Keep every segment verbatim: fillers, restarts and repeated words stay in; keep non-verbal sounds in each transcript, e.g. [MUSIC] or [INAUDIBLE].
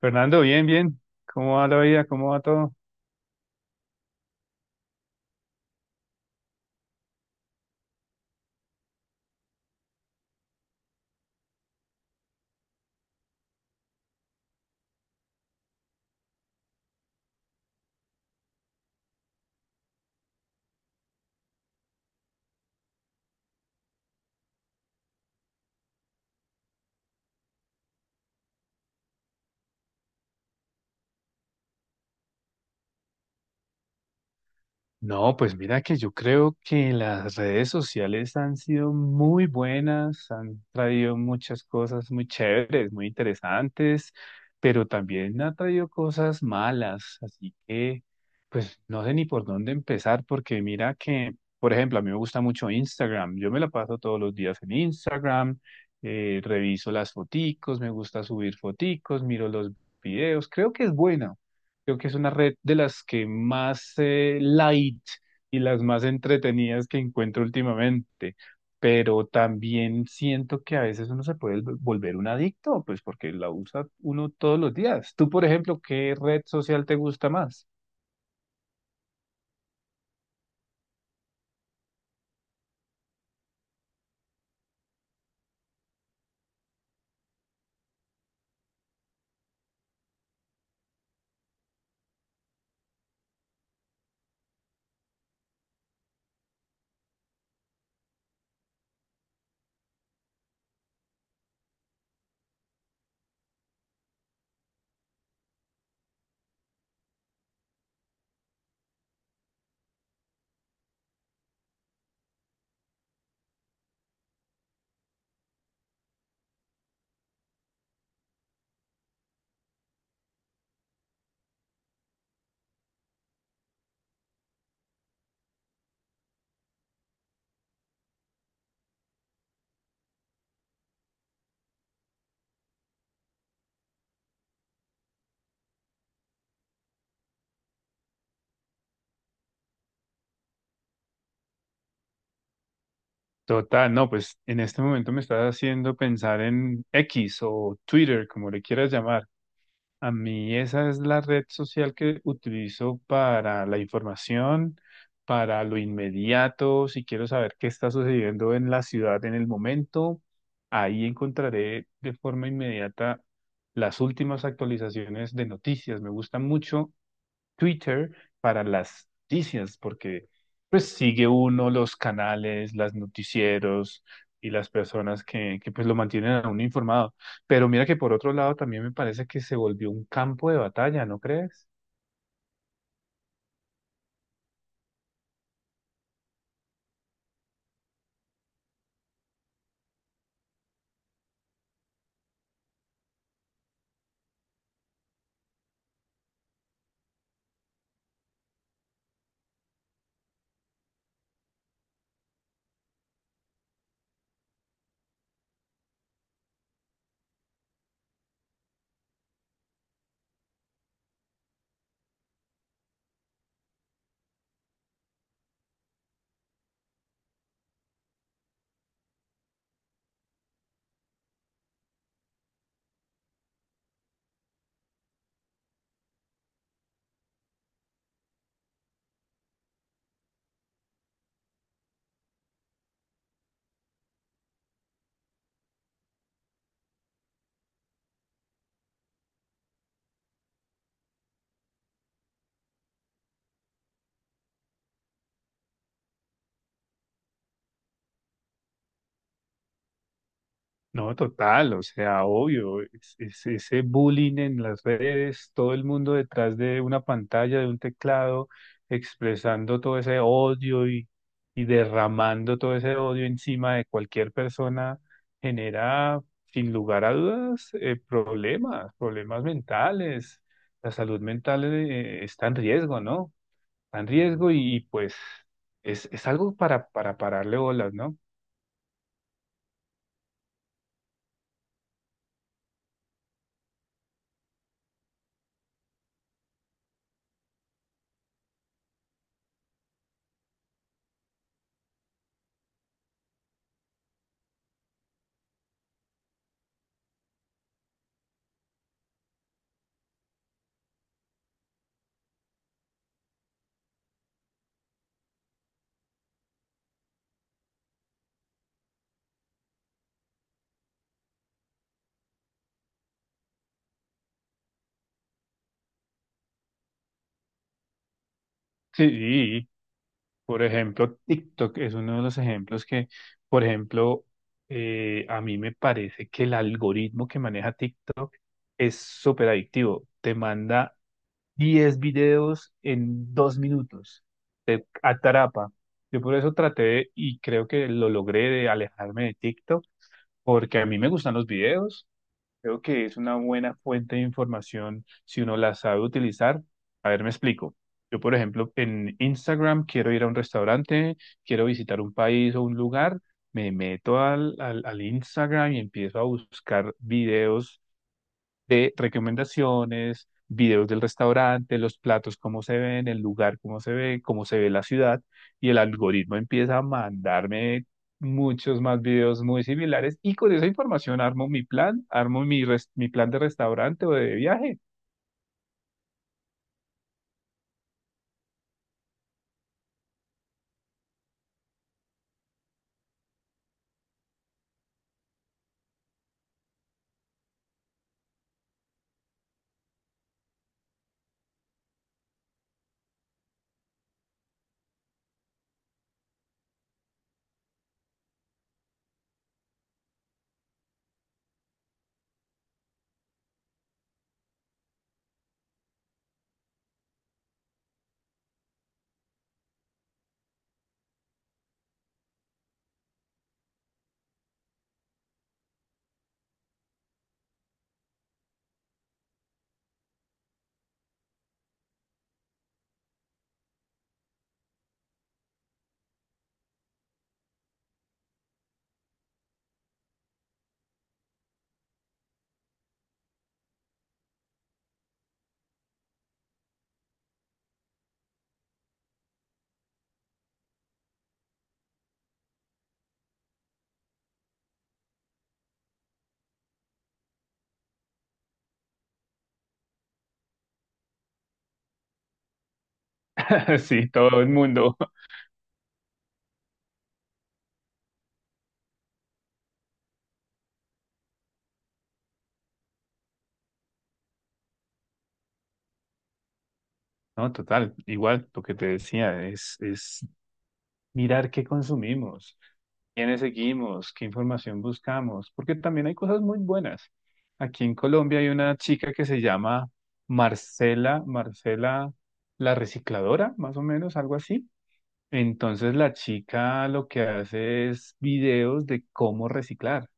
Fernando, bien, bien. ¿Cómo va la vida? ¿Cómo va todo? No, pues mira que yo creo que las redes sociales han sido muy buenas, han traído muchas cosas muy chéveres, muy interesantes, pero también ha traído cosas malas, así que pues no sé ni por dónde empezar, porque mira que, por ejemplo, a mí me gusta mucho Instagram, yo me la paso todos los días en Instagram, eh, reviso las foticos, me gusta subir foticos, miro los videos, creo que es buena. Creo que es una red de las que más eh, light y las más entretenidas que encuentro últimamente, pero también siento que a veces uno se puede vol- volver un adicto, pues porque la usa uno todos los días. Tú, por ejemplo, ¿qué red social te gusta más? Total, no, pues en este momento me estás haciendo pensar en X o Twitter, como le quieras llamar. A mí esa es la red social que utilizo para la información, para lo inmediato, si quiero saber qué está sucediendo en la ciudad en el momento, ahí encontraré de forma inmediata las últimas actualizaciones de noticias. Me gusta mucho Twitter para las noticias, porque pues sigue uno los canales, las noticieros y las personas que, que pues lo mantienen a uno informado. Pero mira que por otro lado también me parece que se volvió un campo de batalla, ¿no crees? No, total, o sea, obvio, es- es- ese bullying en las redes, todo el mundo detrás de una pantalla, de un teclado, expresando todo ese odio y, y derramando todo ese odio encima de cualquier persona, genera, sin lugar a dudas, eh, problemas, problemas mentales. La salud mental, eh, está en riesgo, ¿no? Está en riesgo y, y, pues es, es algo para, para pararle bolas, ¿no? Sí. Por ejemplo, TikTok es uno de los ejemplos que, por ejemplo, eh, a mí me parece que el algoritmo que maneja TikTok es súper adictivo. Te manda diez videos en dos minutos. Atrapa. Yo por eso traté de- y creo que lo logré de alejarme de TikTok porque a mí me gustan los videos. Creo que es una buena fuente de información si uno la sabe utilizar. A ver, me explico. Yo, por ejemplo, en Instagram quiero ir a un restaurante, quiero visitar un país o un lugar, me meto al, al, al Instagram y empiezo a buscar videos de recomendaciones, videos del restaurante, los platos, cómo se ven, el lugar, cómo se ve, cómo se ve la ciudad, y el algoritmo empieza a mandarme muchos más videos muy similares y con esa información armo mi plan, armo mi, res- mi plan de restaurante o de viaje. [LAUGHS] Sí, todo el mundo. [LAUGHS] No, total, igual lo que te decía es, es mirar qué consumimos, quiénes seguimos, qué información buscamos, porque también hay cosas muy buenas. Aquí en Colombia hay una chica que se llama Marcela, Marcela la recicladora, más o menos, algo así. Entonces la chica lo que hace es videos de cómo reciclar.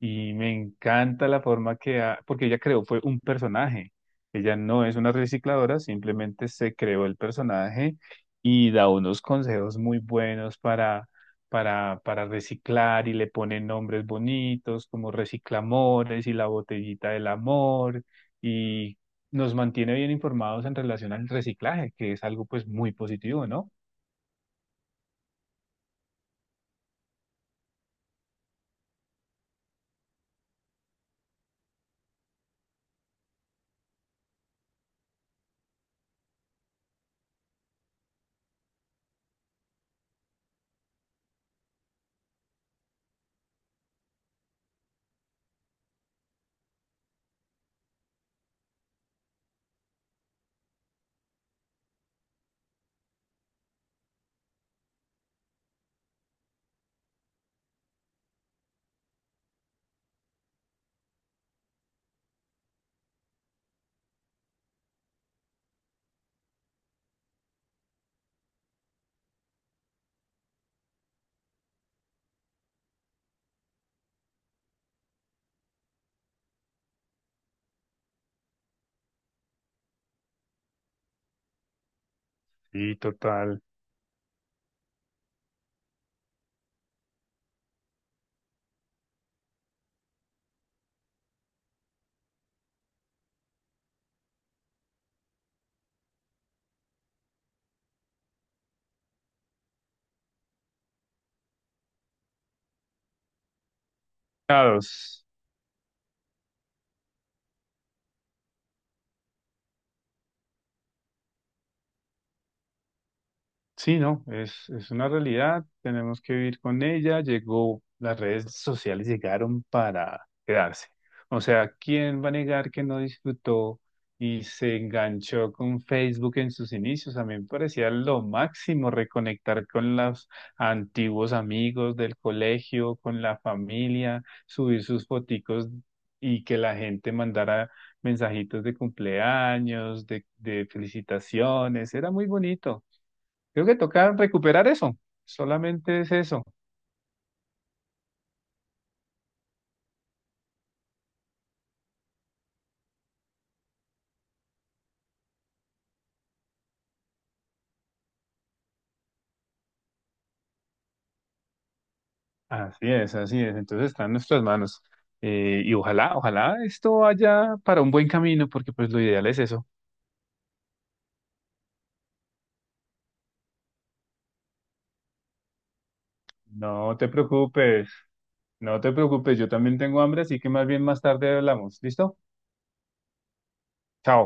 Y me encanta la forma que ha, porque ella creó fue un personaje. Ella no es una recicladora, simplemente se creó el personaje y da unos consejos muy buenos para, para, para reciclar y le pone nombres bonitos como Reciclamores y la botellita del amor y nos mantiene bien informados en relación al reciclaje, que es algo pues muy positivo, ¿no? Y total. Claro. Sí, no, es, es una realidad, tenemos que vivir con ella. Llegó, las redes sociales llegaron para quedarse. O sea, ¿quién va a negar que no disfrutó y se enganchó con Facebook en sus inicios? A mí me parecía lo máximo reconectar con los antiguos amigos del colegio, con la familia, subir sus foticos y que la gente mandara mensajitos de cumpleaños, de de felicitaciones. Era muy bonito. Creo que toca recuperar eso. Solamente es eso. Así es, así es. Entonces está en nuestras manos. Eh, y ojalá, ojalá esto vaya para un buen camino, porque pues lo ideal es eso. No te preocupes, no te preocupes, yo también tengo hambre, así que más bien más tarde hablamos. ¿Listo? Chao.